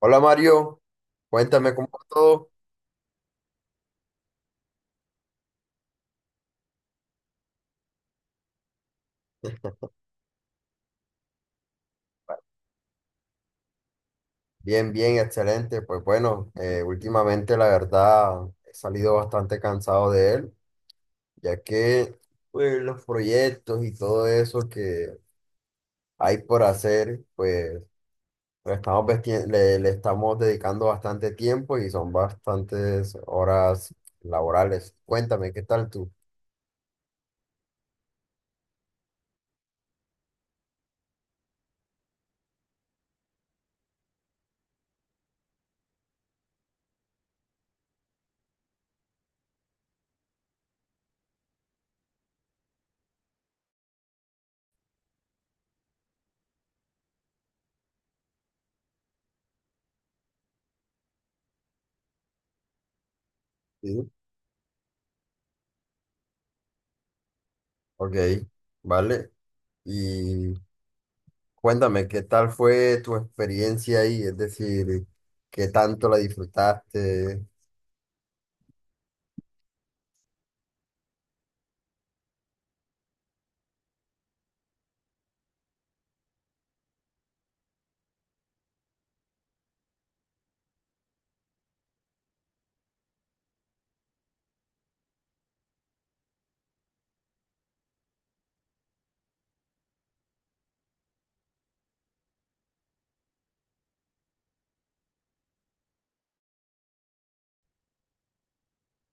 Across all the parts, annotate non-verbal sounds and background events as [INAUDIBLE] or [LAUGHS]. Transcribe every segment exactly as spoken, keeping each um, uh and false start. Hola Mario, cuéntame cómo va todo. Bien, bien, excelente. Pues bueno, eh, últimamente la verdad he salido bastante cansado de él, ya que pues, los proyectos y todo eso que hay por hacer, pues lo estamos vesti- le, le estamos dedicando bastante tiempo y son bastantes horas laborales. Cuéntame, ¿qué tal tú? Sí. Ok, vale. Y Cuéntame, ¿qué tal fue tu experiencia ahí? Es decir, ¿qué tanto la disfrutaste?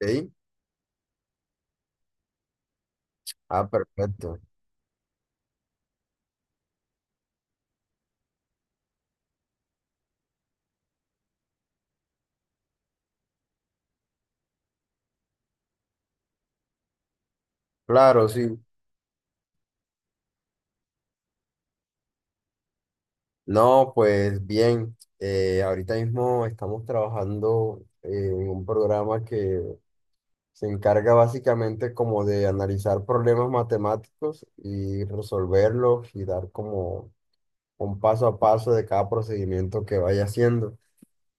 ¿Sí? Ah, perfecto. Claro, sí. No, pues bien, eh, ahorita mismo estamos trabajando en un programa que se encarga básicamente como de analizar problemas matemáticos y resolverlos y dar como un paso a paso de cada procedimiento que vaya haciendo.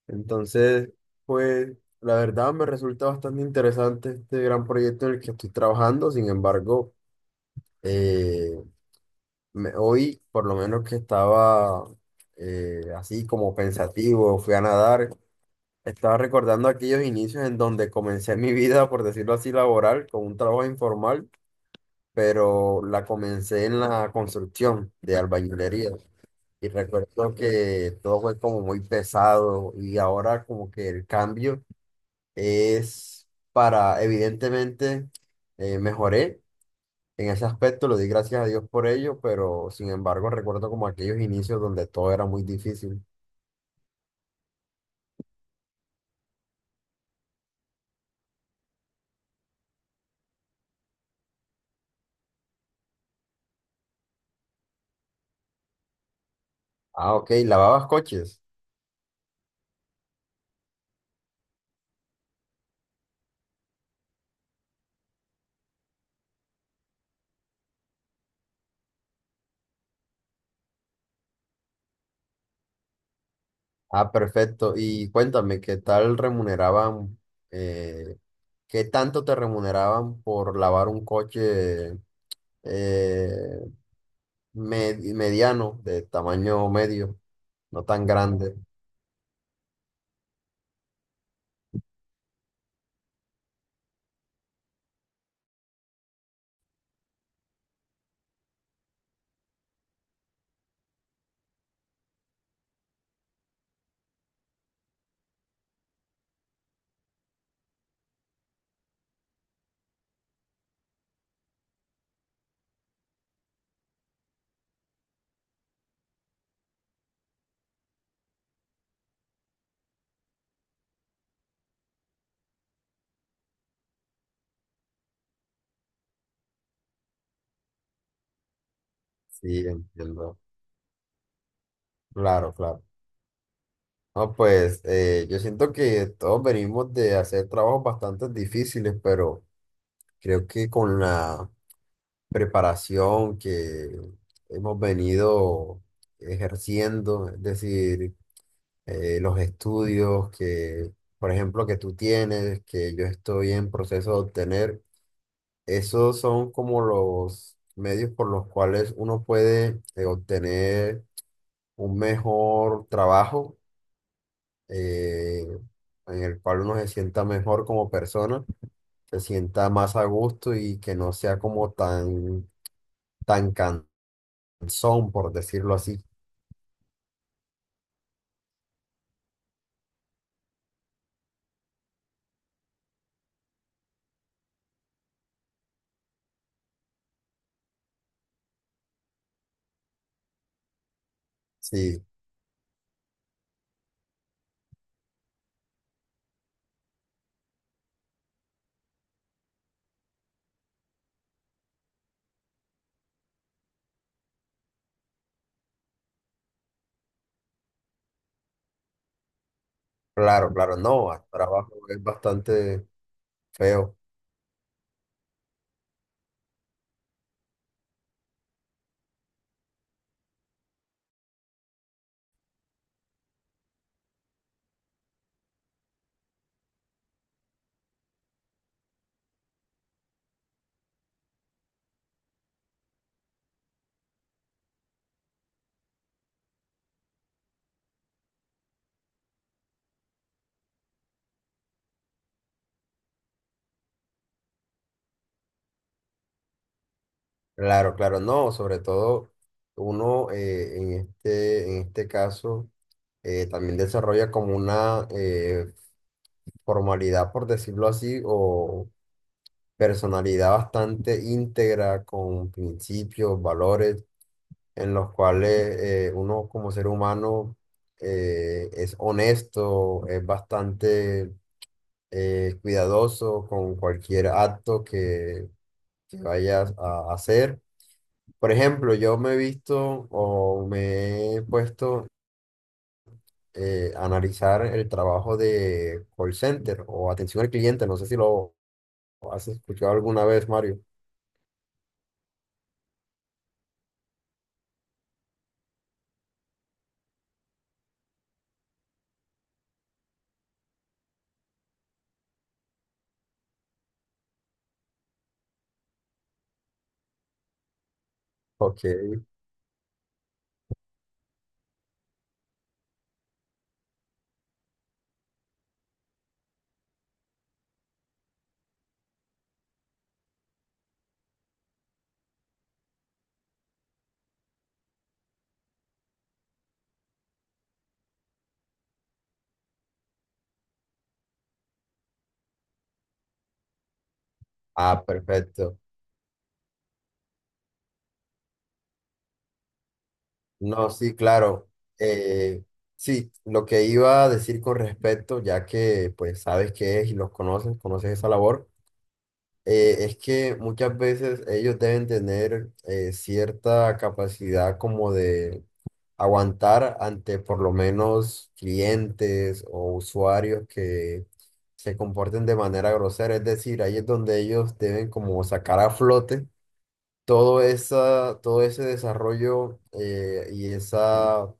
Entonces, pues la verdad me resulta bastante interesante este gran proyecto en el que estoy trabajando. Sin embargo, eh, me- hoy, por lo menos que estaba eh, así como pensativo, fui a nadar, estaba recordando aquellos inicios en donde comencé mi vida, por decirlo así, laboral, con un trabajo informal, pero la comencé en la construcción de albañilería. Y recuerdo que todo fue como muy pesado y ahora como que el cambio es para, evidentemente, eh, mejoré en ese aspecto, lo di gracias a Dios por ello, pero sin embargo recuerdo como aquellos inicios donde todo era muy difícil. Ah, ok, lavabas coches. Ah, perfecto. Y cuéntame, ¿qué tal remuneraban, eh, qué tanto te remuneraban por lavar un coche eh, med- mediano, de tamaño medio, no tan grande? Sí, entiendo. Claro, claro. No, pues eh, yo siento que todos venimos de hacer trabajos bastante difíciles, pero creo que con la preparación que hemos venido ejerciendo, es decir, eh, los estudios que, por ejemplo, que tú tienes, que yo estoy en proceso de obtener, esos son como los medios por los cuales uno puede eh, obtener un mejor trabajo eh, en el cual uno se sienta mejor como persona, se sienta más a gusto y que no sea como tan, tan cansón, por decirlo así. Sí, claro, claro, no, el trabajo es bastante feo. Claro, claro, no, sobre todo uno eh, en este, en este caso eh, también desarrolla como una eh, formalidad, por decirlo así, o personalidad bastante íntegra con principios, valores en los cuales eh, uno como ser humano eh, es honesto, es bastante eh, cuidadoso con cualquier acto que, que vayas a hacer. Por ejemplo, yo me he visto o me he puesto eh, a analizar el trabajo de call center o atención al cliente. No sé si lo has escuchado alguna vez, Mario. Ok. Ah, perfecto. No, sí, claro. Eh, sí, lo que iba a decir con respecto, ya que pues sabes qué es y los conoces, conoces esa labor, eh, es que muchas veces ellos deben tener eh, cierta capacidad como de aguantar ante por lo menos clientes o usuarios que se comporten de manera grosera. Es decir, ahí es donde ellos deben como sacar a flote todo esa, todo ese desarrollo eh, y esa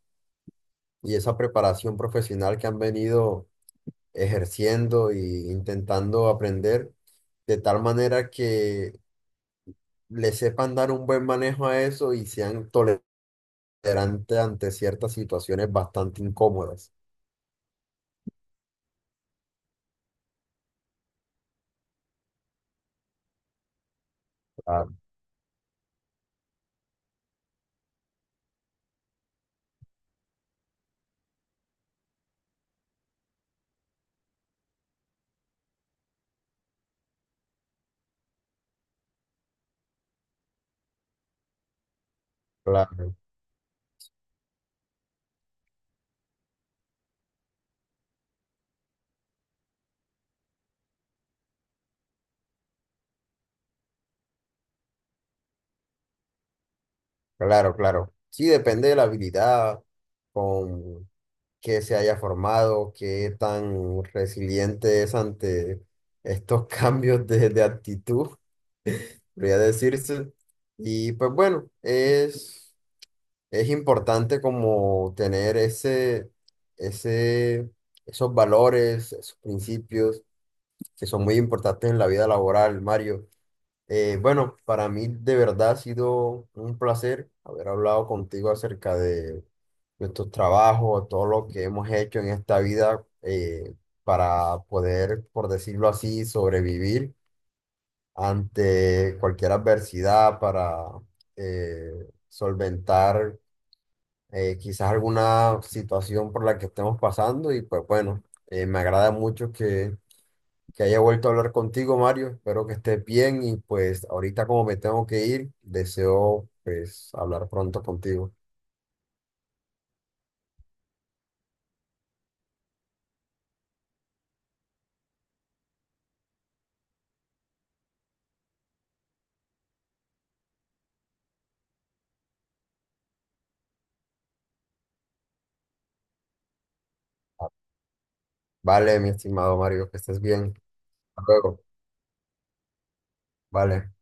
y esa preparación profesional que han venido ejerciendo e intentando aprender, de tal manera que le sepan dar un buen manejo a eso y sean tolerantes ante ciertas situaciones bastante incómodas. Claro, claro, claro, claro. Sí, depende de la habilidad con que se haya formado, qué tan resiliente es ante estos [LAUGHS] cambios de, de actitud, podría decirse. Y pues bueno, es Es importante como tener ese, ese, esos valores, esos principios que son muy importantes en la vida laboral, Mario. Eh, bueno, para mí de verdad ha sido un placer haber hablado contigo acerca de nuestros trabajos, todo lo que hemos hecho en esta vida eh, para poder, por decirlo así, sobrevivir ante cualquier adversidad, para eh, solventar eh, quizás alguna situación por la que estemos pasando y pues bueno, eh, me agrada mucho que, que haya vuelto a hablar contigo, Mario. Espero que estés bien y pues ahorita como me tengo que ir, deseo pues hablar pronto contigo. Vale, mi estimado Mario, que estés bien. Hasta luego. Vale.